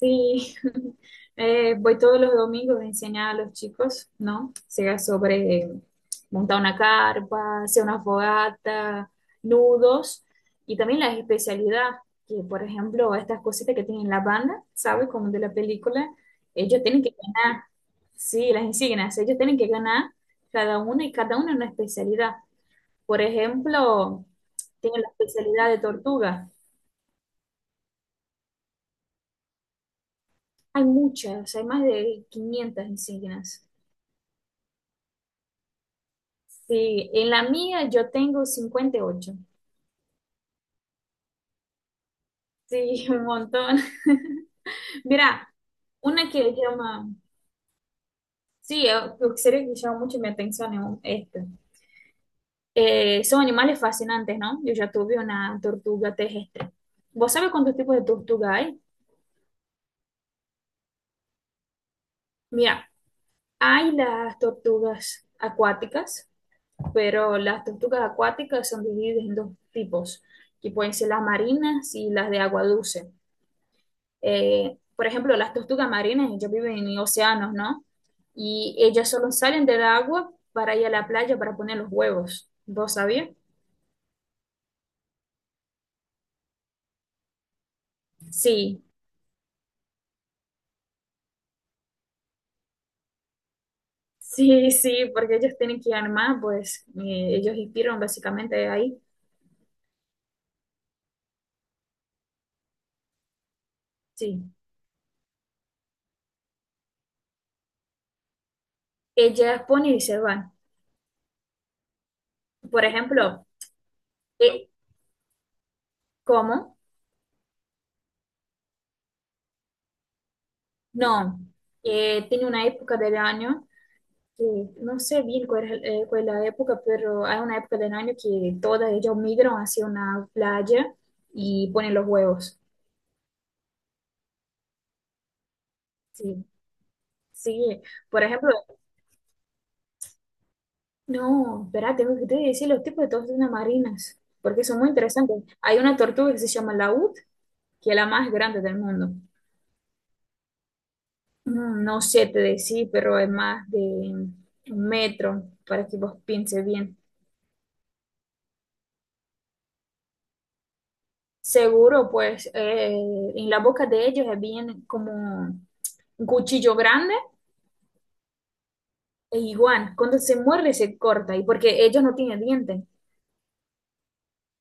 Sí, voy todos los domingos a enseñar a los chicos, ¿no? Sea sobre montar una carpa, hacer una fogata, nudos y también la especialidad, que por ejemplo estas cositas que tienen la banda, ¿sabes? Como de la película, ellos tienen que ganar, sí, las insignias, ellos tienen que ganar cada una y cada una especialidad. Por ejemplo, tienen la especialidad de tortuga, hay muchas, hay más de 500 insignias. Sí, en la mía yo tengo 58. Sí, un montón. Mira, una que llama, sí, eu seria que chama mucho mi atención é esta. São animais fascinantes, ¿no? Yo ya tuve una tortuga terrestre. ¿Vos sabés cuántos tipos de tortuga hay? Mira, hay las tortugas acuáticas, pero las tortugas acuáticas son divididas en dos tipos, que pueden ser las marinas y las de agua dulce. Por ejemplo, las tortugas marinas, ellas viven en océanos, ¿no? Y ellas solo salen del agua para ir a la playa para poner los huevos. ¿Vos sabías? Sí, sí, sí, porque ellos tienen que armar, pues ellos inspiran básicamente ahí. Sí, ellas ponen y se van. Por ejemplo, eh, ¿cómo? No, tiene una época del año que no sé bien cuál es la época, pero hay una época del año que todas ellas migran hacia una playa y ponen los huevos. Sí, sí. Por ejemplo, no, espera, tengo que te decir los tipos de tortugas marinas, porque son muy interesantes. Hay una tortuga que se llama laúd, que es la más grande del mundo. No sé te decir, pero es más de un metro, para que vos pienses bien. Seguro, pues en la boca de ellos es bien como un cuchillo grande e igual, cuando se muerde se corta y porque ellos no tienen dientes,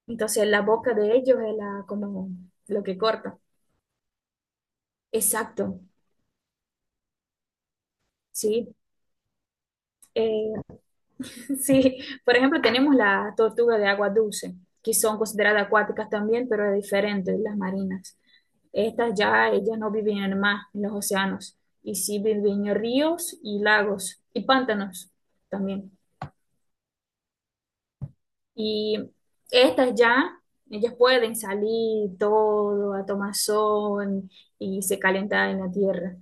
entonces la boca de ellos es la, como lo que corta. Exacto, sí. Eh, sí, por ejemplo, tenemos la tortuga de agua dulce, que son consideradas acuáticas también, pero es diferente de las marinas. Estas ya, ellas no viven en el mar, en los océanos, y sí viven en ríos y lagos y pantanos también. Y estas ya, ellas pueden salir todo a tomar sol y se calentar en la tierra,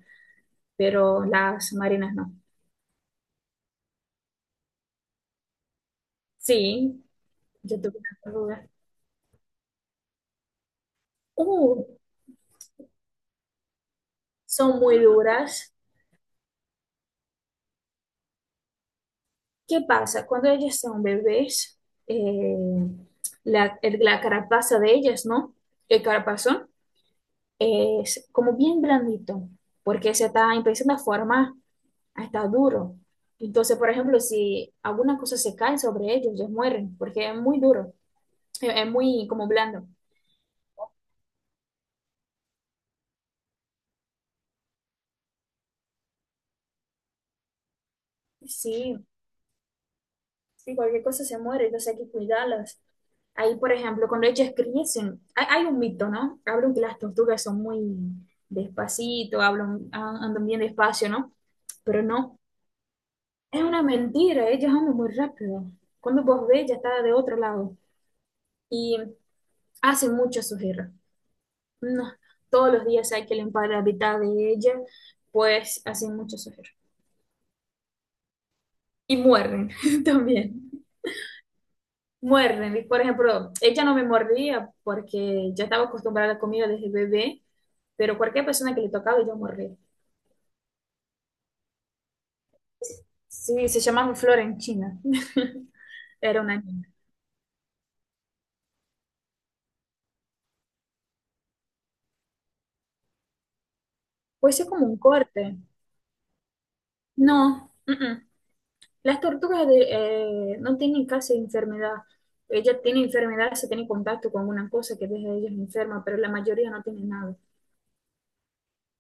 pero las marinas no. Sí, yo tuve una duda. Uh, son muy duras. ¿Qué pasa? Cuando ellas son bebés, eh, la, la carapaza de ellas, ¿no? El carapazón es como bien blandito, porque se está empezando a formar. Está duro. Entonces, por ejemplo, si alguna cosa se cae sobre ellos, ellos mueren, porque es muy duro, es muy como blando. Sí, sí, cualquier cosa se muere, entonces hay que cuidarlas. Ahí, por ejemplo, cuando ellas crecen, hay un mito, ¿no? Hablan que las tortugas son muy despacito, hablan, andan bien despacio, ¿no? Pero no, es una mentira, ellas andan muy rápido. Cuando vos ves, ya está de otro lado y hacen mucha sujeira. No, todos los días hay que limpiar la mitad de ella, pues hacen mucho sufrir. Y muerden también. Muerden. Y, por ejemplo, ella no me mordía porque ya estaba acostumbrada a la comida desde bebé, pero cualquier persona que le tocaba yo mordía. Sí, se llamaba Flora en China. Era una niña. Pues es como un corte. No, mm-mm. Las tortugas de, no tienen casi enfermedad. Ella tiene enfermedad si tiene contacto con una cosa que deja a ellas enferma, pero la mayoría no tiene nada.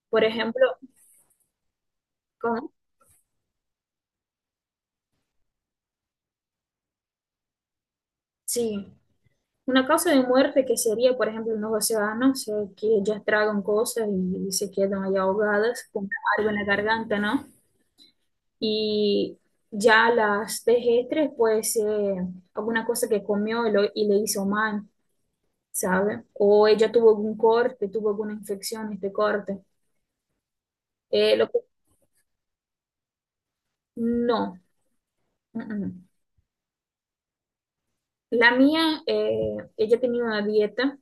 Por ejemplo, ¿cómo? Sí, una causa de muerte que sería, por ejemplo, unos océanos que ellas tragan cosas y, se quedan ahí ahogadas con algo en la garganta, ¿no? Y ya las terrestres, pues alguna cosa que comió y, y le hizo mal, ¿sabe? O ella tuvo algún corte, tuvo alguna infección, este corte. Eh, lo que- no, mm, mm. La mía, ella tenía una dieta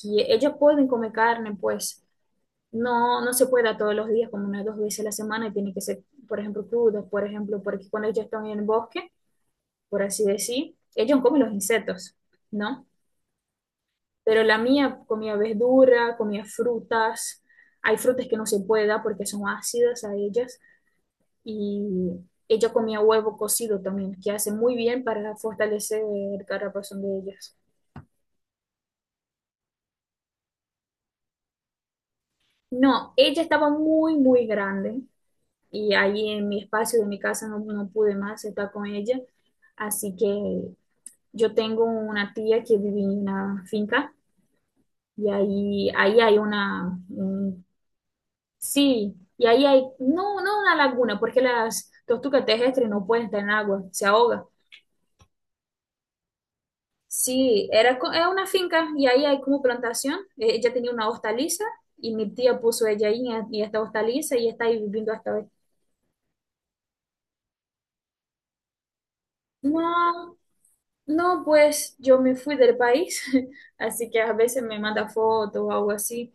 que ellas pueden comer carne, pues. No, no se puede a todos los días, como unas dos veces a la semana, y tiene que ser, por ejemplo, crudos, por ejemplo, porque cuando ellos están en el bosque, por así decir, ellos comen los insectos, ¿no? Pero la mía comía verdura, comía frutas, hay frutas que no se puede dar porque son ácidas a ellas, y ella comía huevo cocido también, que hace muy bien para fortalecer el caparazón de ellas. No, ella estaba muy, muy grande y ahí en mi espacio de mi casa no, no pude más estar con ella. Así que yo tengo una tía que vive en una finca y ahí hay una, sí, y ahí hay, no, no una laguna, porque las tortugas terrestres no pueden estar en agua, se ahogan. Sí, era, era una finca y ahí hay como plantación. Ella tenía una hostaliza y mi tía puso ella ahí en esta hostaliza y está ahí viviendo hasta hoy. No, no, pues yo me fui del país, así que a veces me manda fotos o algo así.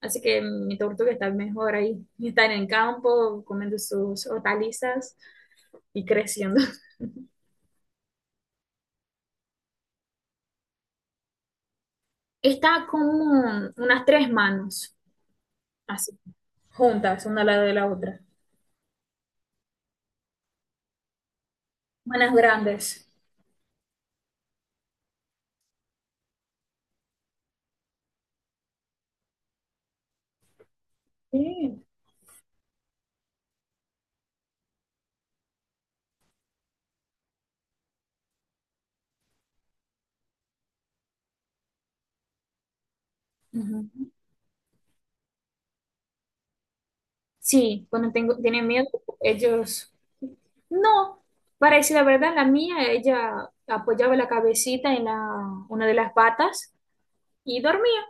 Así que mi tortuga está mejor ahí. Está en el campo, comiendo sus hortalizas y creciendo. Está como unas tres manos, así, juntas, una al lado de la otra. Manos grandes. Sí. Ujú. Sí, cuando tengo, tiene miedo, ellos... No, para decir la verdad, la mía, ella apoyaba la cabecita en la, una de las patas y dormía.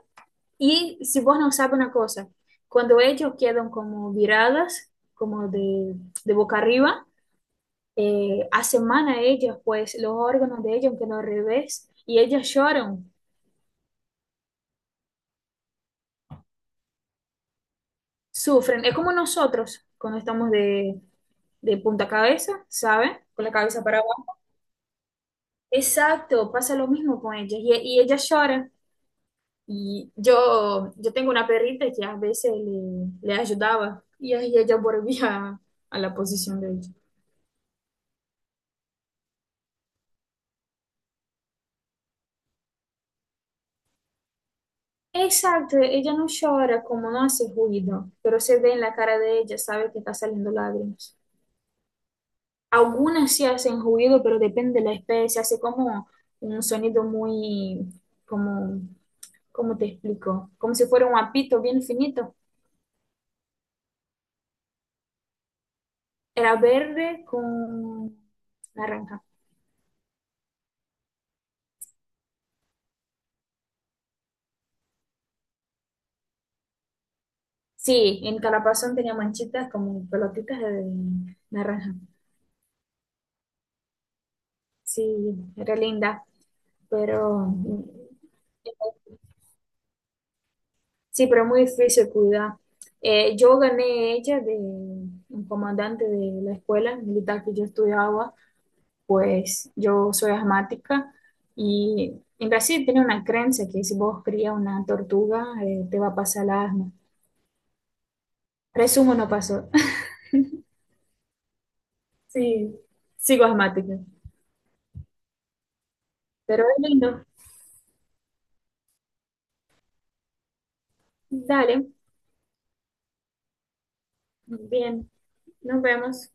Y si vos no sabes una cosa, cuando ellos quedan como viradas, como de boca arriba, aseman a ellos, pues los órganos de ellos quedan al revés y ellas lloran, sufren. Es como nosotros cuando estamos de punta cabeza, ¿sabes? Con la cabeza para abajo. Exacto, pasa lo mismo con ellas y ellas lloran. Yo tengo una perrita que a veces le ayudaba y ahí ella volvía a la posición de ella. Exacto, ella no llora como no hace ruido, pero se ve en la cara de ella, sabe que está saliendo lágrimas. Algunas sí hacen ruido, pero depende de la especie, hace como un sonido muy, como, ¿cómo te explico? Como si fuera un apito bien finito. Era verde con naranja. Sí, en Calapazón tenía manchitas como pelotitas de naranja. Sí, era linda, pero sí, pero es muy difícil cuidar. Yo gané ella de un comandante de la escuela militar que yo estudiaba, pues yo soy asmática y en Brasil tiene una creencia que si vos crías una tortuga te va a pasar el asma. Resumo, no pasó. Sí, sigo asmática, pero es lindo. Dale, bien, nos vemos.